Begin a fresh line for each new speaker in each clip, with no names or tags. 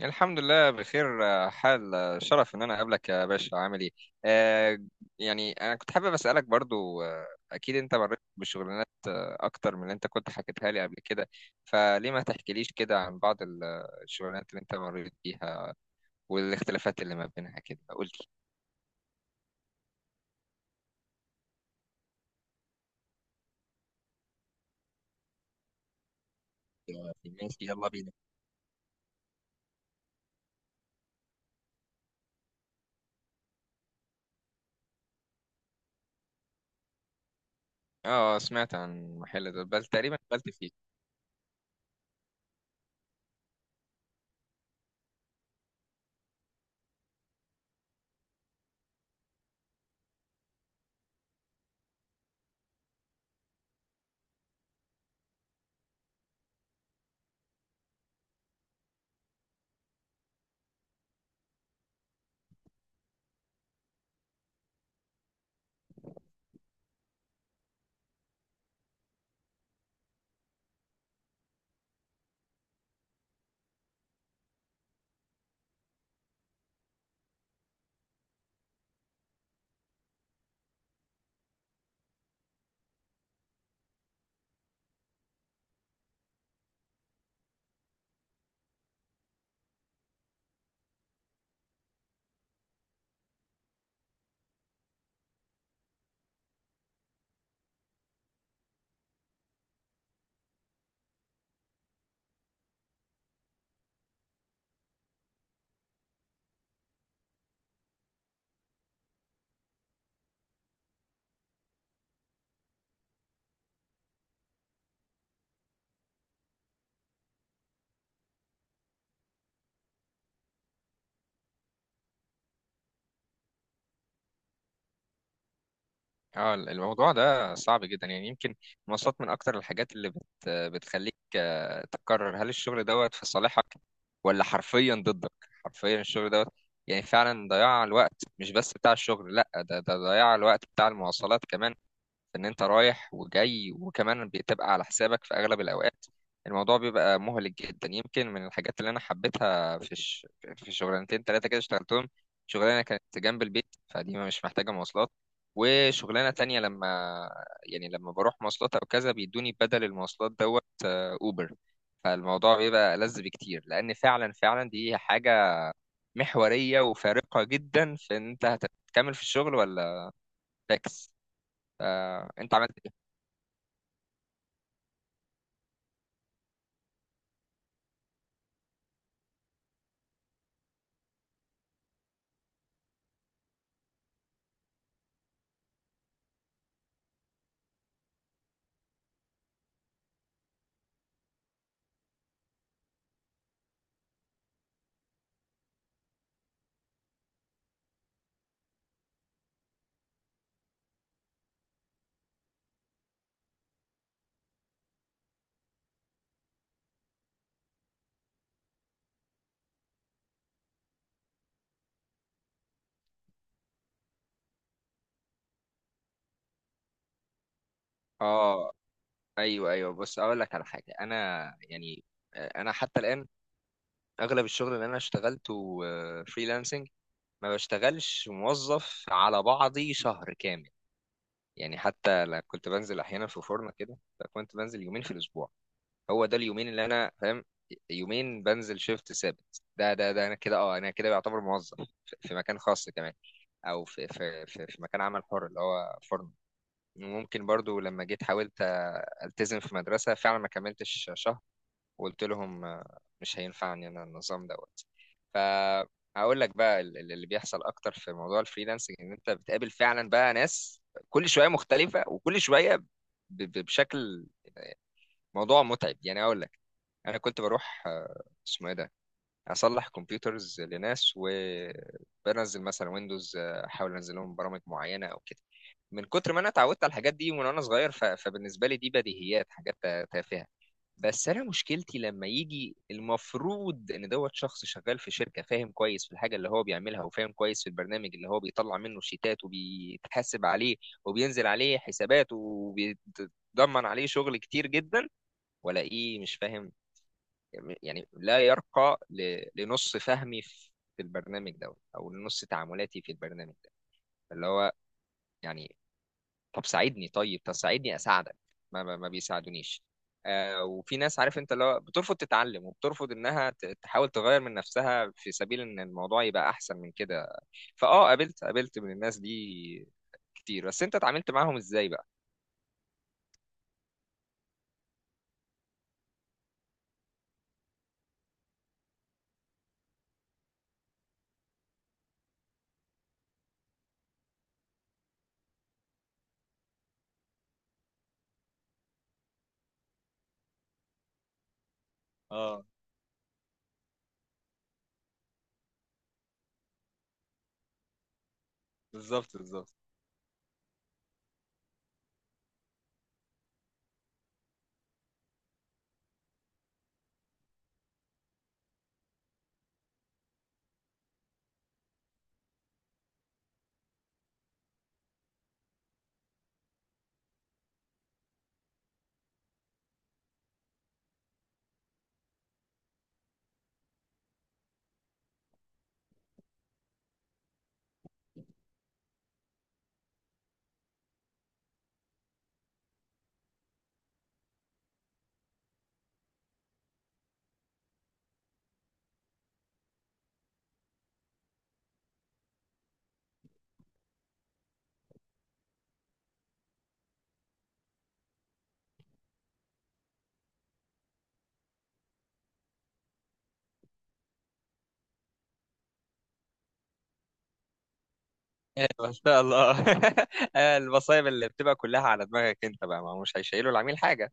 الحمد لله بخير، حال، شرف ان انا اقابلك يا باشا. عامل ايه؟ آه، يعني انا كنت حابب اسالك برضو. اكيد انت مريت بشغلانات اكتر من اللي انت كنت حكيتها لي قبل كده. فليه ما تحكيليش كده عن بعض الشغلانات اللي انت مريت بيها والاختلافات اللي ما بينها كده؟ قلت ماشي، يلا بينا. اه، سمعت عن المحل ده بل تقريبا قبلت فيه. اه، الموضوع ده صعب جدا يعني. يمكن المواصلات من اكتر الحاجات اللي بتخليك تقرر هل الشغل دوت في صالحك ولا حرفيا ضدك. حرفيا الشغل دوت يعني فعلا ضياع الوقت، مش بس بتاع الشغل، لا، ده ضياع الوقت بتاع المواصلات كمان، ان انت رايح وجاي، وكمان بتبقى على حسابك في اغلب الاوقات. الموضوع بيبقى مهلك جدا. يمكن من الحاجات اللي انا حبيتها في في شغلانتين ثلاثه كده اشتغلتهم: شغلانه كانت جنب البيت فدي مش محتاجه مواصلات، وشغلانه تانية لما، يعني لما بروح مواصلات او كذا بيدوني بدل المواصلات دوت، اوبر. فالموضوع بيبقى ألذ بكتير، لان فعلا فعلا دي حاجه محوريه وفارقه جدا في ان انت هتكمل في الشغل ولا فاكس. انت عملت ايه؟ اه، ايوه ايوه، بص اقول لك على حاجه. انا يعني، انا حتى الان اغلب الشغل اللي انا اشتغلته فريلانسنج. ما بشتغلش موظف على بعضي شهر كامل. يعني حتى لا كنت بنزل احيانا في فرن كده، فكنت بنزل يومين في الاسبوع. هو ده اليومين اللي انا فاهم، يومين بنزل شيفت ثابت. ده انا كده، اه انا كده بعتبر موظف في مكان خاص كمان، او في مكان عمل حر اللي هو فرن. ممكن برضو لما جيت حاولت التزم في مدرسه، فعلا ما كملتش شهر وقلت لهم مش هينفعني انا النظام دوت. فهقول لك بقى اللي بيحصل اكتر في موضوع الفريلانسنج ان انت بتقابل فعلا بقى ناس كل شويه مختلفه، وكل شويه بشكل، موضوع متعب يعني. اقول لك، انا كنت بروح، اسمه ايه ده، اصلح كمبيوترز لناس وبنزل مثلا ويندوز، احاول انزل لهم برامج معينه او كده. من كتر ما انا اتعودت على الحاجات دي من وانا صغير، فبالنسبه لي دي بديهيات، حاجات تافهه. بس انا مشكلتي لما يجي المفروض ان دوت شخص شغال في شركه، فاهم كويس في الحاجه اللي هو بيعملها، وفاهم كويس في البرنامج اللي هو بيطلع منه الشيتات وبيتحاسب عليه وبينزل عليه حسابات وبيتضمن عليه شغل كتير جدا، ولا ايه، مش فاهم، يعني لا يرقى لنص فهمي في البرنامج دوت او لنص تعاملاتي في البرنامج ده، اللي هو يعني طب ساعدني، طيب، طب ساعدني اساعدك. ما بيساعدونيش. آه، وفي ناس، عارف انت، اللي هو بترفض تتعلم وبترفض انها تحاول تغير من نفسها في سبيل ان الموضوع يبقى احسن من كده. فاه، قابلت من الناس دي كتير. بس انت اتعاملت معاهم ازاي بقى؟ اه، بالظبط بالظبط. ما شاء الله المصايب اللي بتبقى كلها على دماغك انت بقى، ما هو مش هيشيلوا العميل حاجه.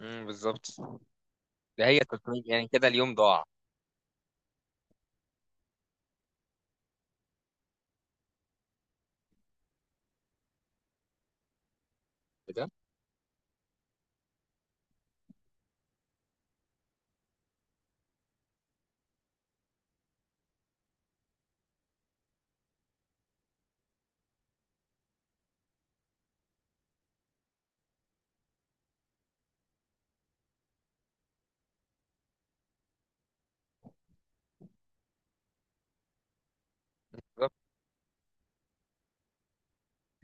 امم، بالظبط. ده هي 300، يعني كده اليوم ضاع كده.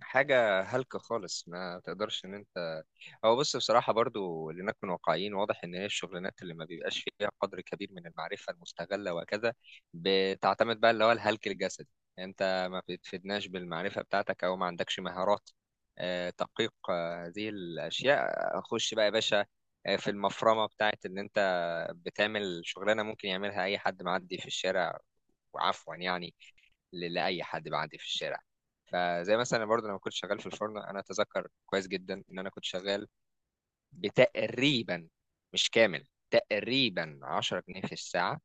حاجة هلكة خالص، ما تقدرش ان انت، هو بص، بصراحة برضو لنكن واقعيين، واضح ان هي الشغلانات اللي ما بيبقاش فيها قدر كبير من المعرفة المستغلة وكذا، بتعتمد بقى اللي هو الهلك الجسدي. يعني انت ما بتفيدناش بالمعرفة بتاعتك، او ما عندكش مهارات تحقيق هذه الاشياء. خش بقى يا باشا في المفرمة بتاعت ان انت بتعمل شغلانة ممكن يعملها اي حد معدي في الشارع، وعفوا يعني، لاي حد بعدي في الشارع. فزي مثلا برضه لما كنت شغال في الفرن، انا اتذكر كويس جدا ان انا كنت شغال بتقريبا، مش كامل، تقريبا 10 جنيه في الساعه.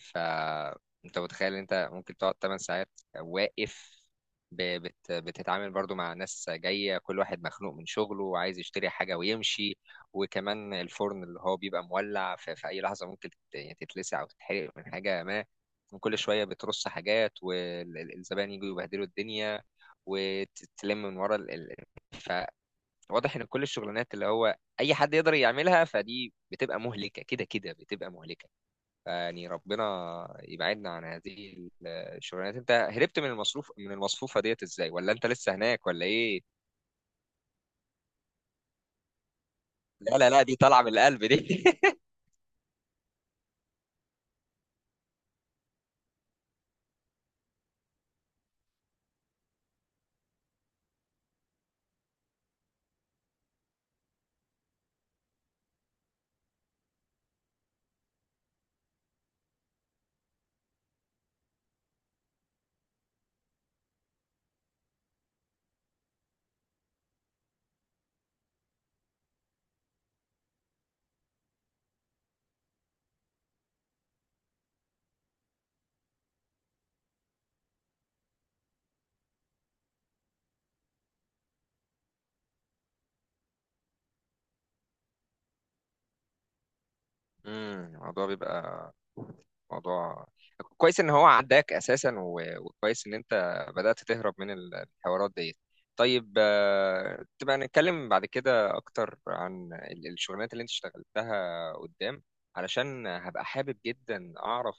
فانت متخيل إن انت ممكن تقعد 8 ساعات واقف، بتتعامل برضو مع ناس جاية كل واحد مخنوق من شغله وعايز يشتري حاجة ويمشي، وكمان الفرن اللي هو بيبقى مولع في أي لحظة ممكن تتلسع أو تتحرق من حاجة ما، وكل شوية بترص حاجات والزبائن يجوا يبهدلوا الدنيا، وتتلم من ورا فواضح إن كل الشغلانات اللي هو أي حد يقدر يعملها، فدي بتبقى مهلكة كده، كده بتبقى مهلكة يعني. ربنا يبعدنا عن هذه الشغلانات. انت هربت من المصروف، من المصفوفة ديت ازاي؟ ولا انت لسه هناك، ولا ايه؟ لا لا لا، دي طالعة من القلب دي. امم، الموضوع بيبقى موضوع كويس ان هو عداك اساسا، وكويس ان انت بدأت تهرب من الحوارات ديت. طيب تبقى نتكلم بعد كده اكتر عن الشغلانات اللي انت اشتغلتها قدام، علشان هبقى حابب جدا اعرف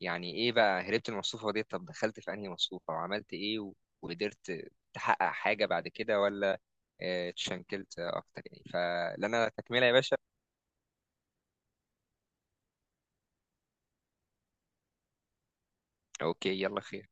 يعني ايه بقى هربت من المصفوفة دي، طب دخلت في انهي مصفوفة وعملت ايه، و... وقدرت تحقق حاجة بعد كده، ولا اتشنكلت اكتر؟ يعني فلنا تكملة يا باشا. اوكي، يلا خير.